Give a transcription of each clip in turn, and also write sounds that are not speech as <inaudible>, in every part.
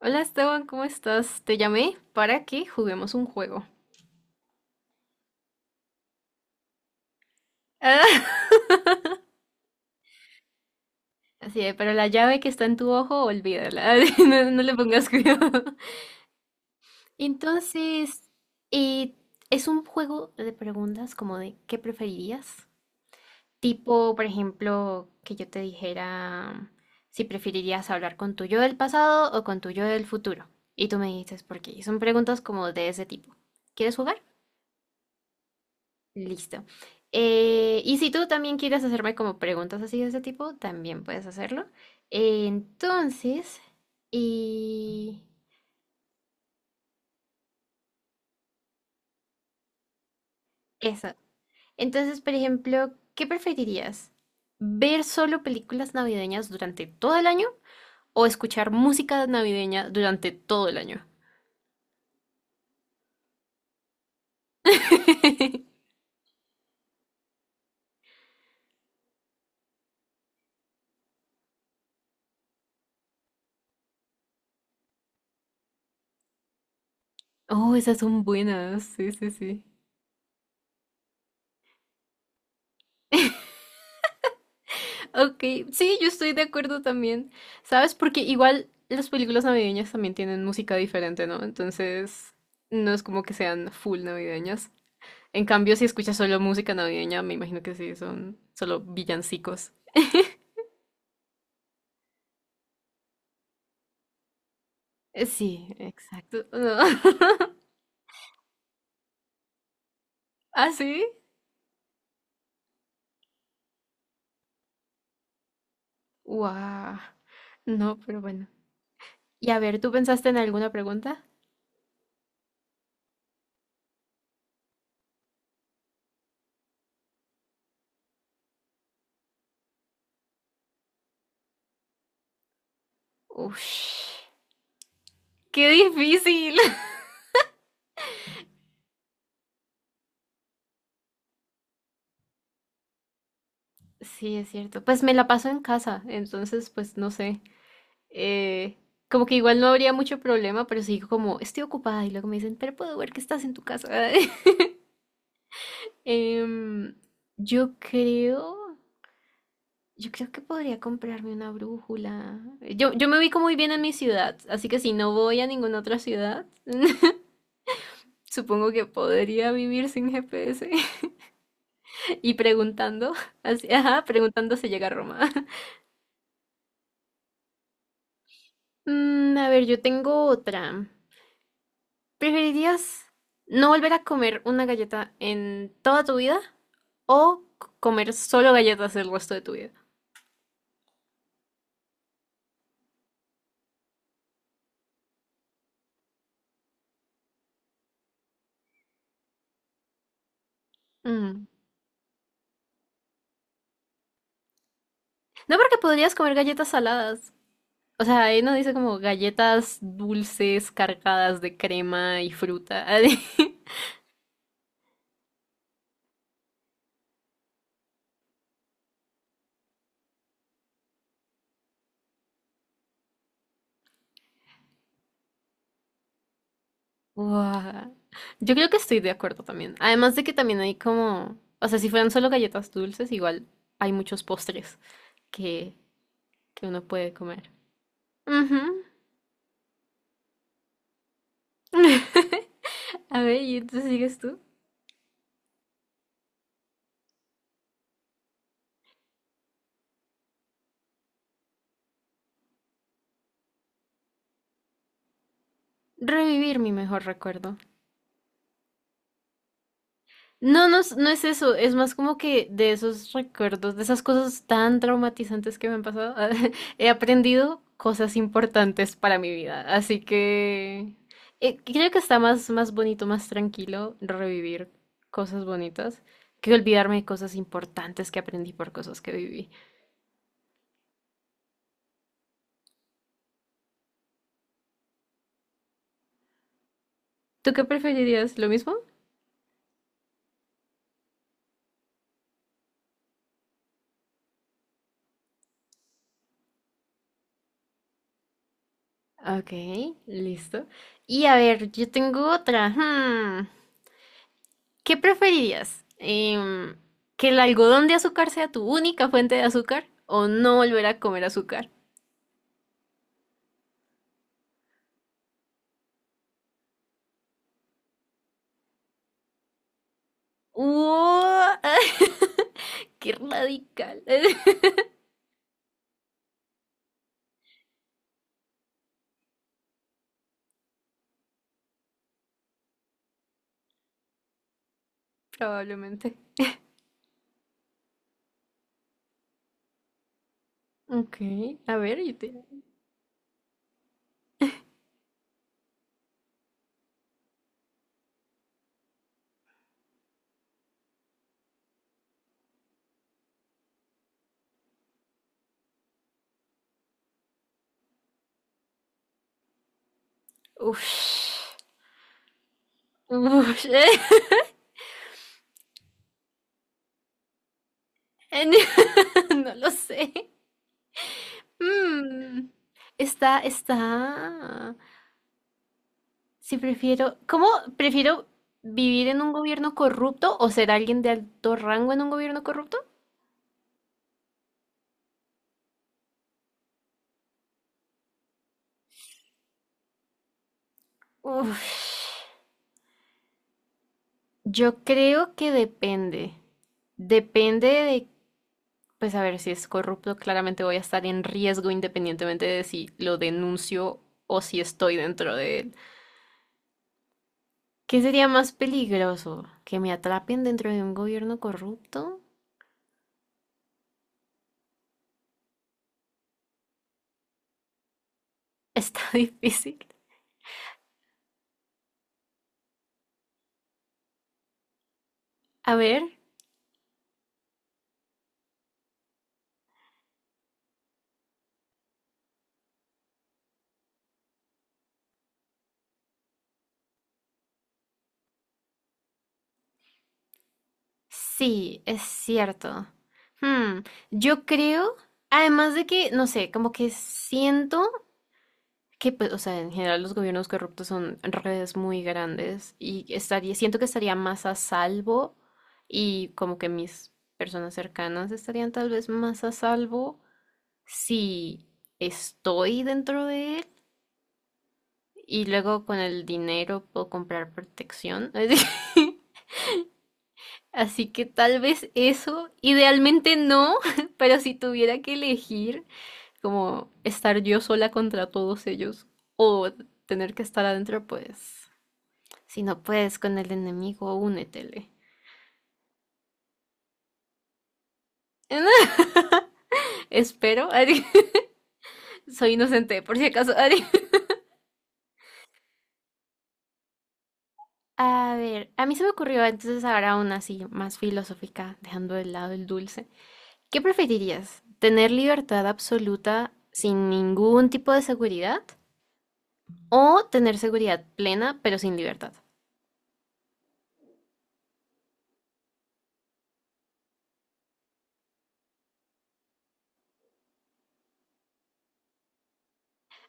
Hola Esteban, ¿cómo estás? Te llamé para que juguemos un juego. Ah, <laughs> así es, pero la llave que está en tu ojo, olvídala, <laughs> no, no le pongas cuidado. Entonces, eh, es un juego de preguntas como de ¿qué preferirías? Tipo, por ejemplo, que yo te dijera si preferirías hablar con tu yo del pasado o con tu yo del futuro. Y tú me dices por qué. Son preguntas como de ese tipo. ¿Quieres jugar? Listo. Y si tú también quieres hacerme como preguntas así de ese tipo, también puedes hacerlo. Entonces, y eso. Entonces, por ejemplo, ¿qué preferirías? ¿Ver solo películas navideñas durante todo el año o escuchar música navideña durante todo el año? <laughs> Oh, esas son buenas. Sí, sí, sí. Ok, sí, yo estoy de acuerdo también. ¿Sabes? Porque igual las películas navideñas también tienen música diferente, ¿no? Entonces, no es como que sean full navideñas. En cambio, si escuchas solo música navideña, me imagino que sí, son solo villancicos. Sí, exacto. No. <laughs> ¿Ah, sí? Guau. No, pero bueno. Y a ver, ¿tú pensaste en alguna pregunta? Uf, qué difícil. <laughs> Sí, es cierto. Pues me la paso en casa, entonces, pues no sé. Eh, Como que igual no habría mucho problema, pero sí digo como, estoy ocupada y luego me dicen, pero puedo ver que estás en tu casa. <laughs> Em, yo creo, yo creo que podría comprarme una brújula. Yo me ubico muy bien en mi ciudad, así que si no voy a ninguna otra ciudad, <laughs> supongo que podría vivir sin GPS. <laughs> Y preguntando, así, ajá, preguntando si llega a Roma. <laughs> Mm, a ver, yo tengo otra. ¿Preferirías no volver a comer una galleta en toda tu vida o comer solo galletas el resto de tu vida? Mm. No, porque podrías comer galletas saladas. O sea, ahí no dice como galletas dulces cargadas de crema y fruta. <laughs> Guau. Yo creo que estoy de acuerdo también. Además de que también hay como, o sea, si fueran solo galletas dulces, igual hay muchos postres que, que uno puede comer. Ujú. <laughs> A ver, ¿y entonces sigues tú? Revivir mi mejor recuerdo. No, no, no es eso, es más como que de esos recuerdos, de esas cosas tan traumatizantes que me han pasado, <laughs> he aprendido cosas importantes para mi vida. Así que creo que está más, más bonito, más tranquilo revivir cosas bonitas que olvidarme de cosas importantes que aprendí por cosas que viví. ¿Tú qué preferirías? ¿Lo mismo? Ok, listo. Y a ver, yo tengo otra. Hmm. ¿Qué preferirías? ¿Que el algodón de azúcar sea tu única fuente de azúcar o no volver a comer azúcar? ¡Uah! <laughs> ¡Qué radical! <laughs> Probablemente. Ok, a ver, yo te... Ush. Ush. <laughs> En- <laughs> No lo sé. Mm, está, está. Si prefiero, ¿cómo prefiero vivir en un gobierno corrupto o ser alguien de alto rango en un gobierno corrupto? Uf, yo creo que depende. Depende de, pues a ver, si es corrupto, claramente voy a estar en riesgo independientemente de si lo denuncio o si estoy dentro de él. ¿Qué sería más peligroso? ¿Que me atrapen dentro de un gobierno corrupto? Está <laughs> difícil. A ver, sí, es cierto. Hmm, yo creo, además de que, no sé, como que siento que, pues, o sea, en general los gobiernos corruptos son redes muy grandes y estaría, siento que estaría más a salvo y como que mis personas cercanas estarían tal vez más a salvo si estoy dentro de él y luego con el dinero puedo comprar protección. <laughs> Así que tal vez eso, idealmente no, <laughs> pero si tuviera que elegir como estar yo sola contra todos ellos o tener que estar adentro, pues... Si no puedes con el enemigo, únetele. <laughs> Espero. <laughs> Soy inocente, por si acaso. <laughs> A ver, a mí se me ocurrió entonces ahora una así más filosófica, dejando de lado el dulce. ¿Qué preferirías? ¿Tener libertad absoluta sin ningún tipo de seguridad? ¿O tener seguridad plena pero sin libertad?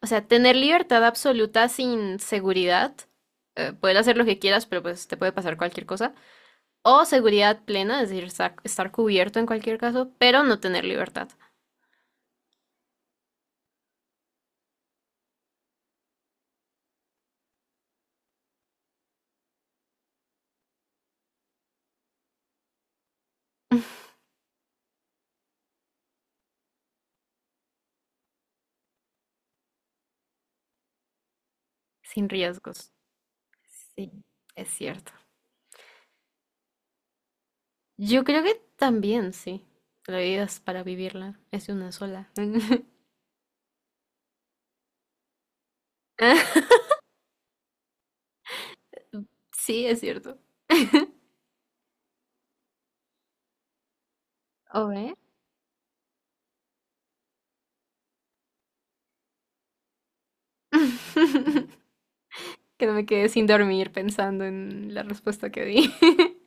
O sea, tener libertad absoluta sin seguridad, poder hacer lo que quieras, pero pues te puede pasar cualquier cosa. O seguridad plena, es decir, estar cubierto en cualquier caso, pero no tener libertad, sin riesgos. Sí, es cierto. Yo creo que también, sí. La vida es para vivirla, es una sola. <laughs> Sí, es cierto. ¿O ve? <laughs> Que no me quedé sin dormir pensando en la respuesta que di. <laughs>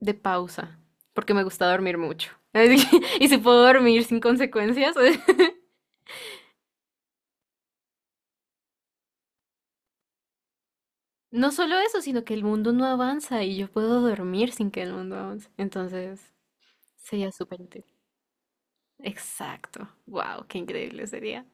De pausa, porque me gusta dormir mucho. Así que- <laughs> y si puedo dormir sin consecuencias. <laughs> No solo eso, sino que el mundo no avanza y yo puedo dormir sin que el mundo avance. Entonces, sería súper útil. Exacto. Wow, qué increíble sería.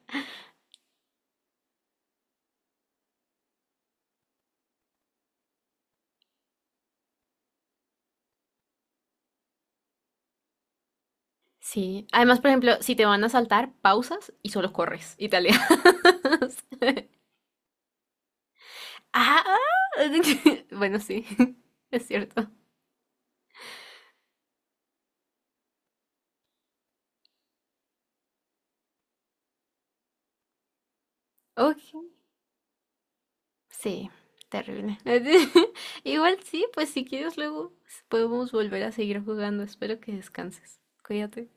Sí. Además, por ejemplo, si te van a saltar, pausas y solo corres y te alejas. <laughs> Ah, ah, <laughs> bueno, sí, <laughs> es cierto. Ok. Sí, terrible. <laughs> Igual sí, pues si quieres luego podemos volver a seguir jugando. Espero que descanses. Cuídate.